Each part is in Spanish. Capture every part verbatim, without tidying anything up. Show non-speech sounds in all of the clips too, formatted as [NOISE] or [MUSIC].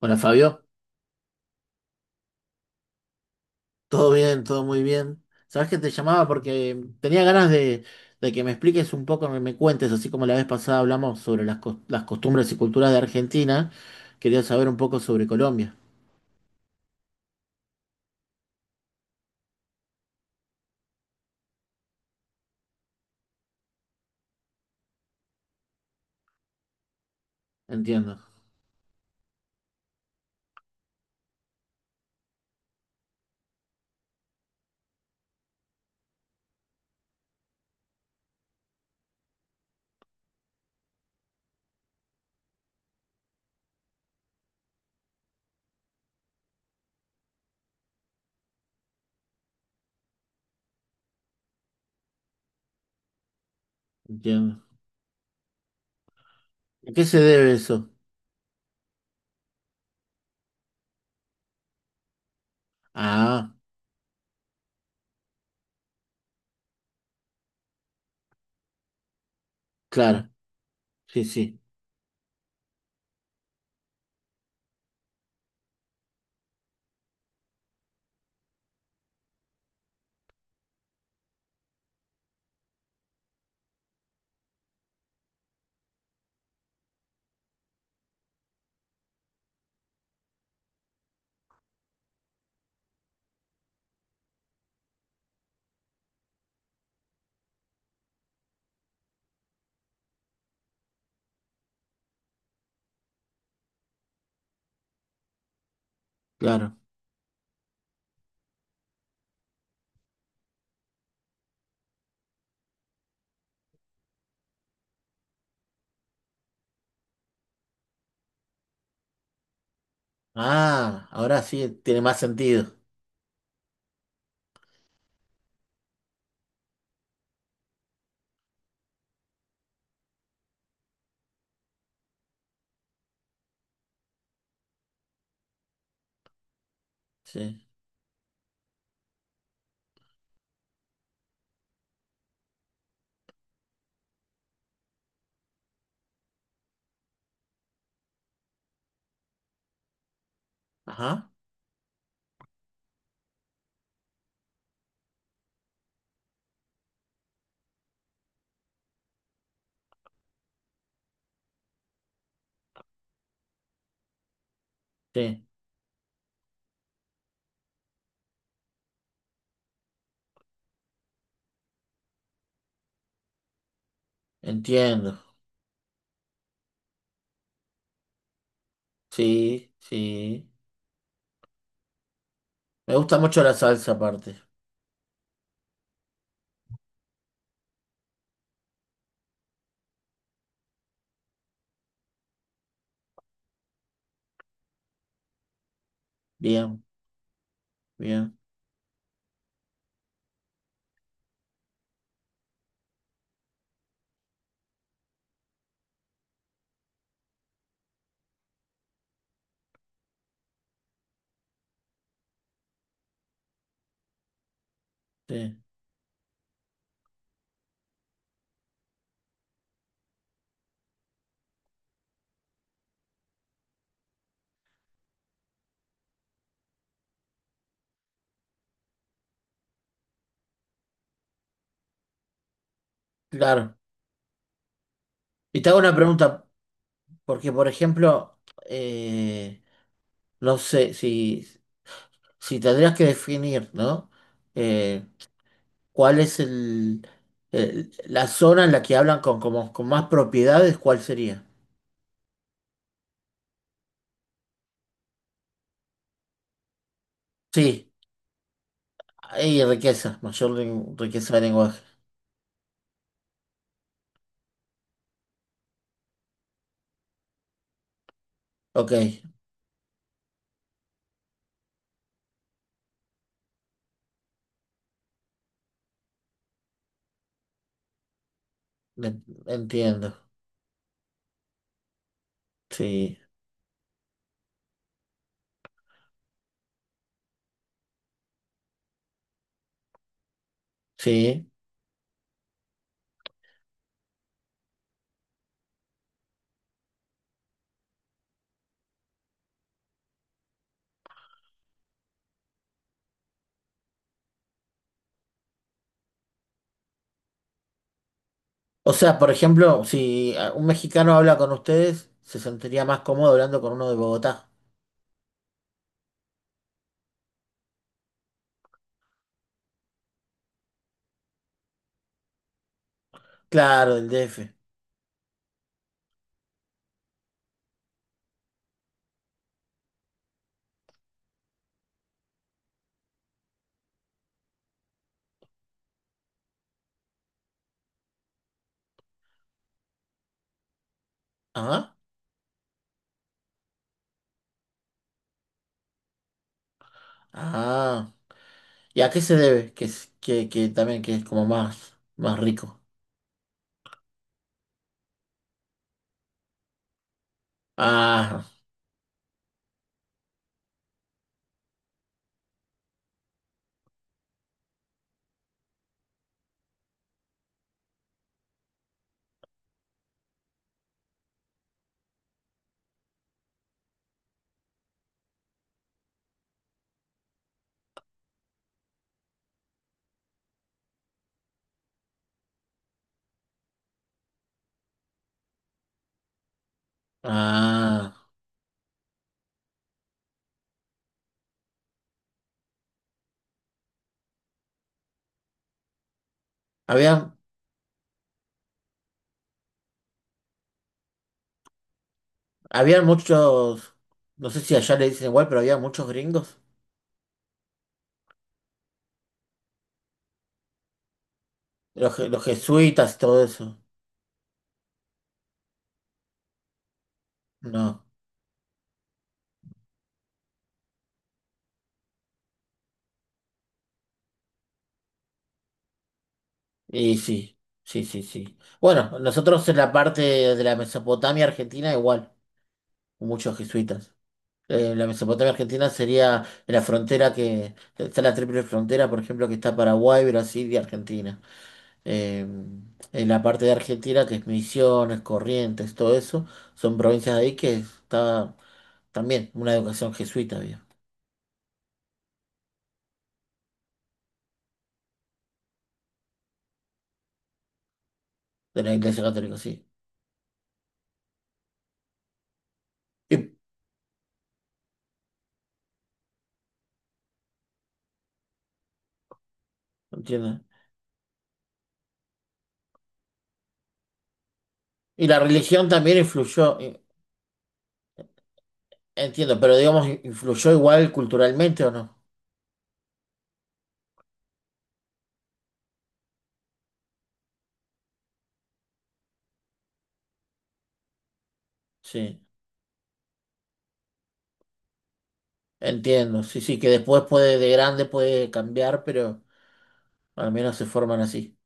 Hola Fabio, todo bien, todo muy bien. Sabes que te llamaba porque tenía ganas de, de que me expliques un poco, me, me cuentes, así como la vez pasada hablamos sobre las, cos- las costumbres y culturas de Argentina, quería saber un poco sobre Colombia. Entiendo, entiendo. ¿A qué se debe eso? Ah, claro, sí, sí, claro. Ah, ahora sí tiene más sentido. Sí, ajá, sí, entiendo. Sí, sí. Me gusta mucho la salsa aparte. Bien, bien, sí. Claro. Y te hago una pregunta, porque por ejemplo, eh, no sé, si, si tendrías que definir, ¿no? Eh, ¿cuál es el, el- la zona en la que hablan con, como, con más propiedades? ¿Cuál sería? Sí, hay riqueza, mayor len- riqueza de lenguaje. Ok, le- entiendo. Sí, sí. O sea, por ejemplo, si a- un mexicano habla con ustedes, se sentiría más cómodo hablando con uno de Bogotá. Claro, del D F. Ajá. Ah, ah. ¿Y a qué se debe? Que, es- que, que también que es como más, más rico. Ah, ah. Había, había muchos, no sé si allá le dicen igual, pero había muchos gringos. Los, je- los jesuitas y todo eso. No. Y sí, sí, sí, sí. Bueno, nosotros en la parte de la Mesopotamia argentina igual, muchos jesuitas. Eh, la Mesopotamia argentina sería en la frontera que está la triple frontera, por ejemplo, que está Paraguay, Brasil y Argentina. eh, en la parte de Argentina, que es Misiones, Corrientes, todo eso, son provincias de ahí que está también una educación jesuita había, de la Iglesia Católica, sí. Y, ¿entiendes? Y la religión también influyó, i- entiendo, pero digamos, i- influyó igual culturalmente o no. Sí, entiendo, sí, sí, que después puede, de grande puede cambiar, pero al menos se forman así.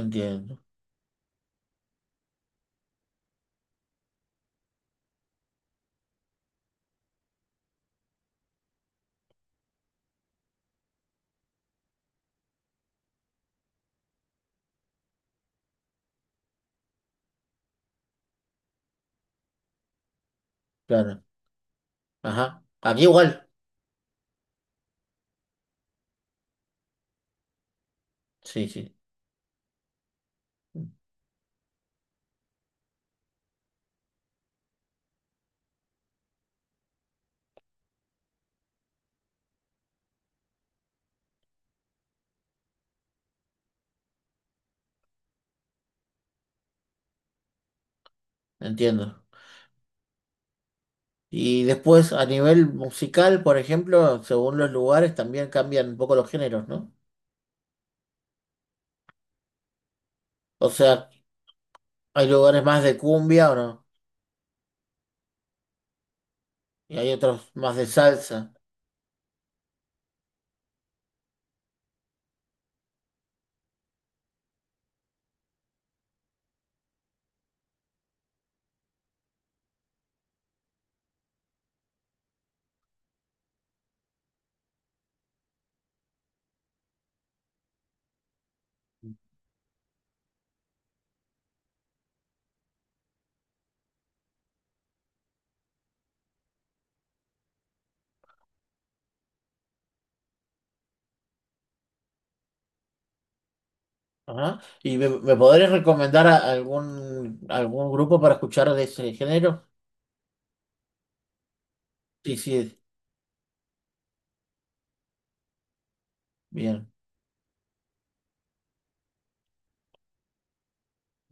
Entiendo, claro. Ajá, aquí igual, sí, sí, entiendo. Y después a nivel musical, por ejemplo, según los lugares también cambian un poco los géneros, ¿no? O sea, hay lugares más de cumbia o no, y hay otros más de salsa. Ajá. ¿Y me, me podrías recomendar a- algún, algún grupo para escuchar de ese género? Sí, sí, bien.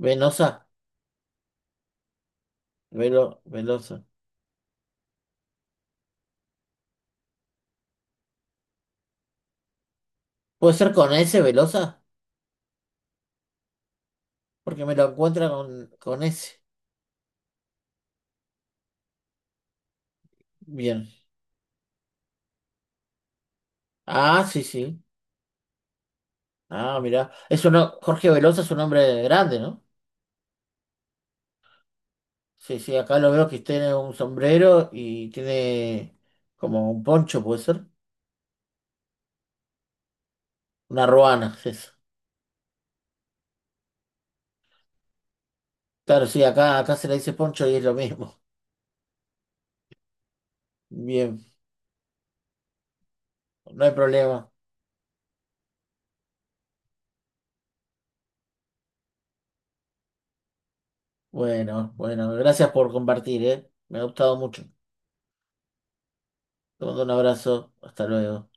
Venosa, Velo, Velosa. ¿Puede ser con ese, Velosa? Porque me lo encuentra con, con ese. Bien. Ah, sí, sí. Ah, mirá. Es uno, Jorge Velosa es un hombre grande, ¿no? Sí, sí, acá lo veo que tiene un sombrero y tiene como un poncho, puede ser. Una ruana, es eso. Claro, sí, acá, acá se le dice poncho y es lo mismo. [LAUGHS] Bien, no hay problema. Bueno, bueno, gracias por compartir, ¿eh? Me ha gustado mucho. Te mando un abrazo. Hasta luego.